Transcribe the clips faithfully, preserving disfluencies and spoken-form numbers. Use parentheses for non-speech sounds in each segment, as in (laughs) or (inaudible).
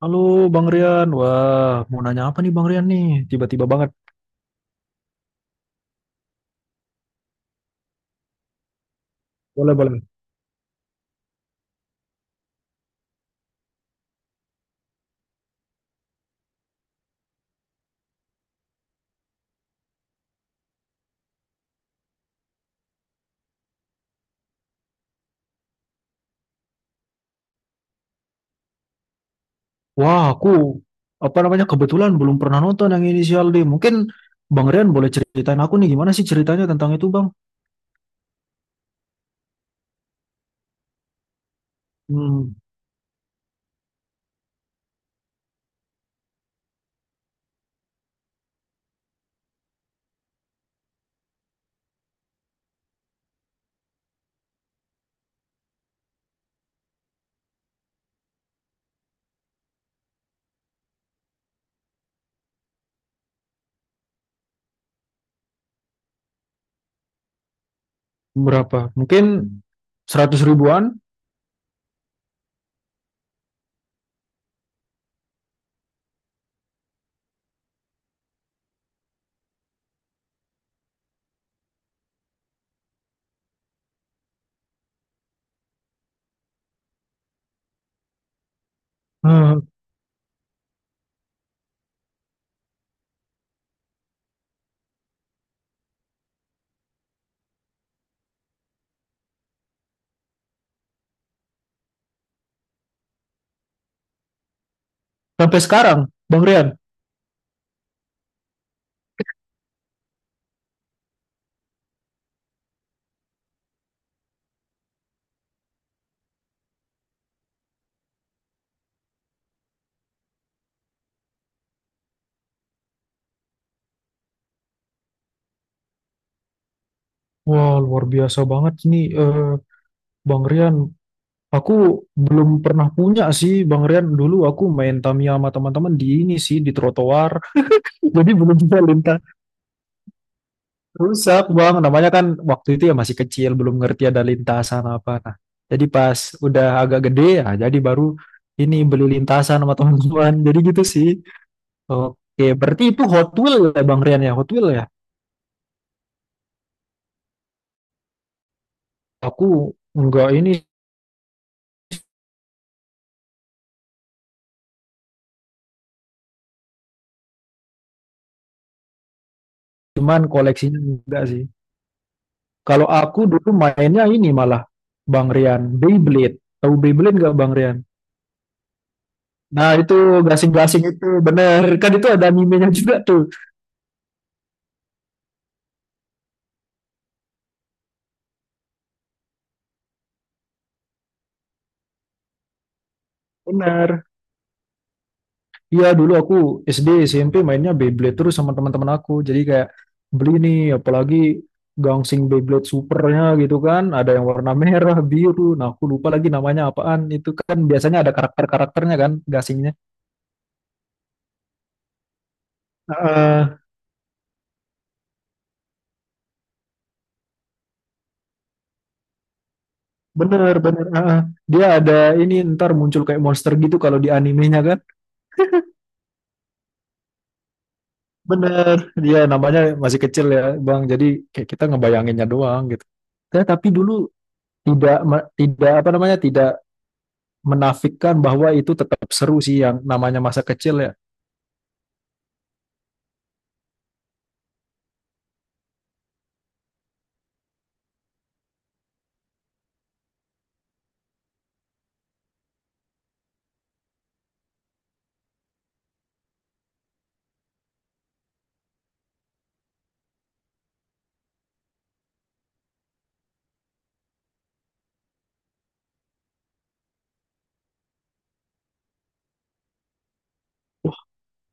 Halo Bang Rian, wah mau nanya apa nih Bang Rian nih? Tiba-tiba banget. Boleh, boleh. Wah aku apa namanya kebetulan belum pernah nonton yang Inisial D. Mungkin Bang Rian boleh ceritain aku nih gimana sih ceritanya tentang itu Bang? Hmm, berapa? Mungkin seratus ribuan eh, sampai sekarang Bang Rian. Wah luar biasa banget nih eh, Bang Rian. Aku belum pernah punya sih Bang Rian. Dulu aku main Tamiya sama teman-teman di ini sih di trotoar. (laughs) Jadi belum bisa lintas. Rusak bang, namanya kan waktu itu ya masih kecil, belum ngerti ada lintasan apa. Nah, jadi pas udah agak gede ya, jadi baru ini beli lintasan sama teman-teman. Jadi gitu sih. Oke, berarti itu Hot Wheel ya Bang Rian ya, Hot Wheel ya. Aku enggak ini, cuman koleksinya enggak sih. Kalau aku dulu mainnya ini malah Bang Rian, Beyblade. Tahu Beyblade enggak Bang Rian? Nah itu gasing-gasing itu bener kan itu ada animenya juga tuh. Bener, iya, dulu aku S D S M P mainnya Beyblade terus sama teman-teman aku. Jadi kayak beli nih apalagi Gangsing Beyblade Supernya gitu kan. Ada yang warna merah, biru. Nah aku lupa lagi namanya apaan. Itu kan biasanya ada karakter-karakternya kan gasingnya. Heeh, bener, bener, heeh. Dia ada ini ntar muncul kayak monster gitu kalau di animenya kan. Bener. Dia namanya masih kecil ya Bang. Jadi kayak kita ngebayanginnya doang gitu. Ya, tapi dulu tidak me- tidak apa namanya tidak menafikan bahwa itu tetap seru sih yang namanya masa kecil ya.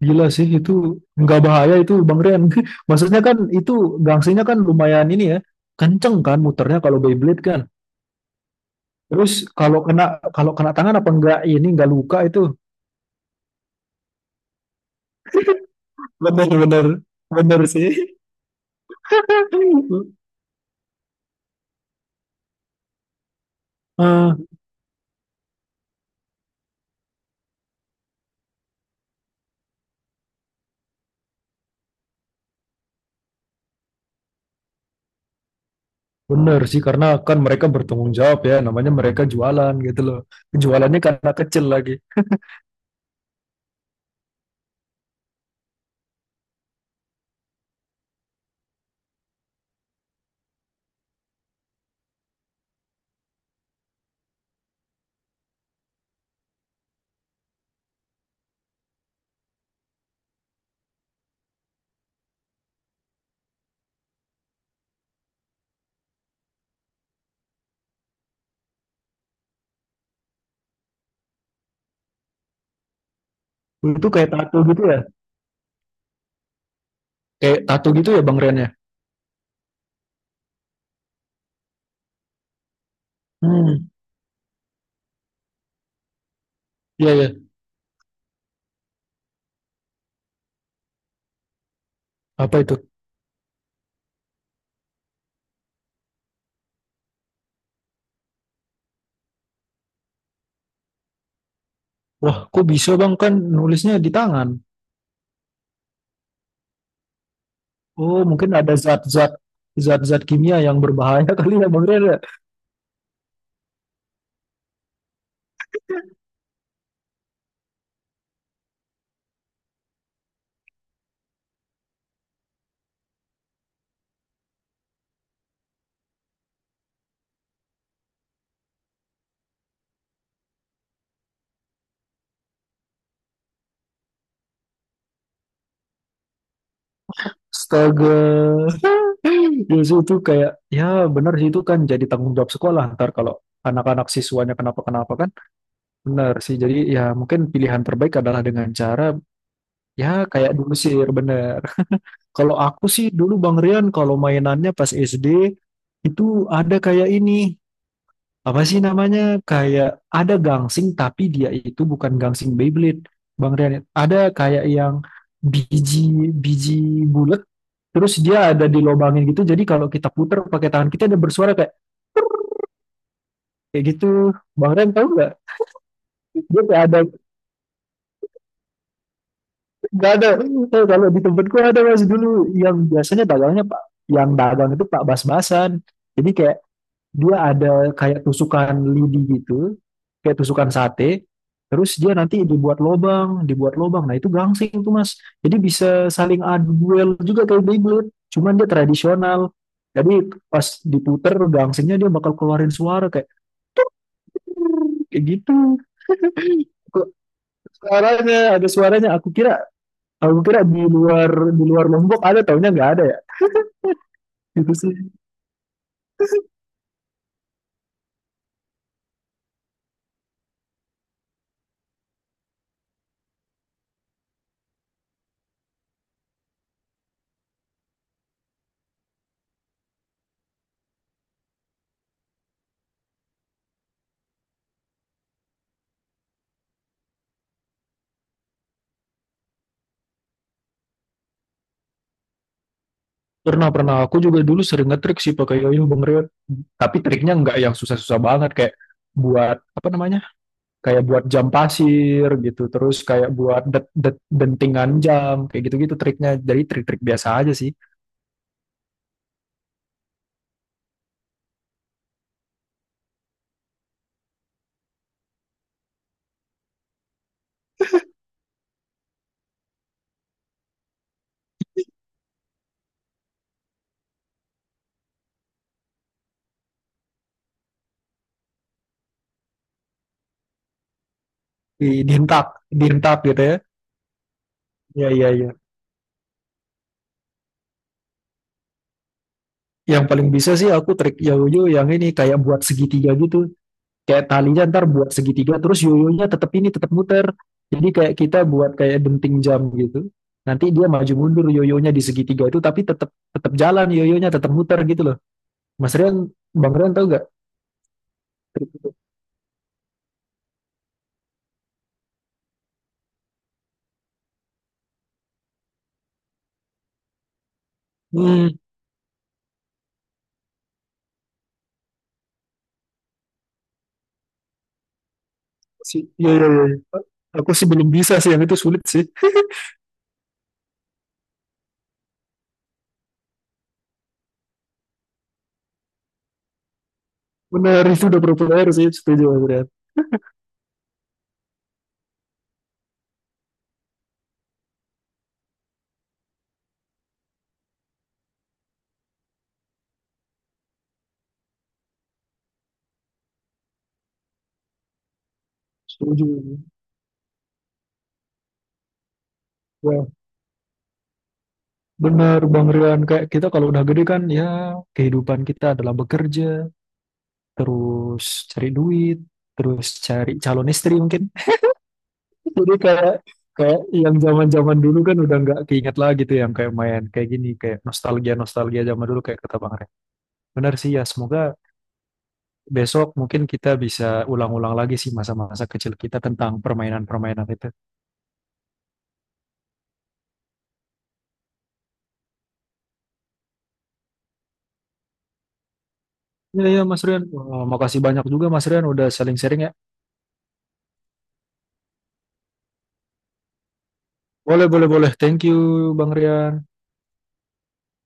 Gila sih itu nggak bahaya itu Bang Rian. (laughs) Maksudnya kan itu gangsinya kan lumayan ini ya. Kenceng kan muternya kalau Beyblade kan. Terus kalau kena kalau kena tangan apa enggak ini enggak luka itu. Bener-bener. Bener sih. (laughs) Ah, bener sih karena kan mereka bertanggung jawab ya namanya mereka jualan gitu loh. Jualannya karena kecil lagi. Itu kayak tato gitu ya. Kayak tato gitu ya Bang Rian ya. Hmm. Iya ya. Apa itu? Wah, kok bisa bang kan nulisnya di tangan? Oh, mungkin ada zat-zat zat-zat kimia yang berbahaya (laughs) kali ya bang Rere. Astaga, justru itu kayak ya benar sih itu kan jadi tanggung jawab sekolah ntar kalau anak-anak siswanya kenapa-kenapa kan. Benar sih. Jadi ya mungkin pilihan terbaik adalah dengan cara ya kayak dulu sih. Bener. Kalau aku sih dulu bang Rian kalau mainannya pas S D itu ada kayak ini. Apa sih namanya kayak ada gangsing tapi dia itu bukan gangsing Beyblade Bang Rian ada kayak yang biji biji bulat terus dia ada dilobangin gitu jadi kalau kita puter pakai tangan kita ada bersuara kayak kayak gitu, Bang Rian tahu nggak, dia kayak ada nggak ada. Eh, kalau di tempatku ada masih dulu yang biasanya dagangnya Pak, yang dagang itu Pak Bas-Basan jadi kayak dia ada kayak tusukan lidi gitu, kayak tusukan sate. Terus dia nanti dibuat lobang, dibuat lobang. Nah itu gangsing tuh mas. Jadi bisa saling adu duel juga kayak Beyblade. Cuman dia tradisional. Jadi pas diputer gangsingnya dia bakal keluarin suara kayak kayak gitu. (laughs) Kok suaranya ada suaranya. Aku kira aku kira di luar di luar Lombok ada taunya nggak ada ya. Itu sih. Pernah Pernah aku juga dulu sering ngetrik sih pakai yoyo Bang Reo. Tapi triknya nggak yang susah-susah banget kayak buat apa namanya? Kayak buat jam pasir gitu, terus kayak buat det, det- dentingan jam kayak gitu-gitu triknya. Jadi trik-trik biasa aja sih. Di- Dihentak, dihentak gitu ya. Iya, iya, iya. Yang paling bisa sih aku trik yoyo yang ini kayak buat segitiga gitu. Kayak talinya ntar buat segitiga terus yoyonya tetap ini tetap muter. Jadi kayak kita buat kayak denting jam gitu. Nanti dia maju mundur yoyonya di segitiga itu tapi tetap tetap jalan yoyonya tetap muter gitu loh. Mas Rian, Bang Rian tahu gak? Hmm, sih, iya, iya, iya. Aku sih belum bisa sih, yang itu sulit sih. Benar, itu udah proper sih, setuju Mas Rian. Setuju. Ya, benar Bang Rian. Kayak kita kalau udah gede kan, ya kehidupan kita adalah bekerja, terus cari duit, terus cari calon istri mungkin. (laughs) Jadi kayak kayak yang zaman-zaman dulu kan udah nggak keinget lagi tuh yang kayak main kayak gini kayak nostalgia nostalgia zaman dulu kayak kata Bang Rian. Benar sih ya semoga Besok mungkin kita bisa ulang-ulang lagi sih masa-masa kecil kita tentang permainan-permainan itu. Iya, iya, Mas Rian. Wah, makasih banyak juga Mas Rian udah saling sharing ya. Boleh, boleh, boleh. Thank you, Bang Rian.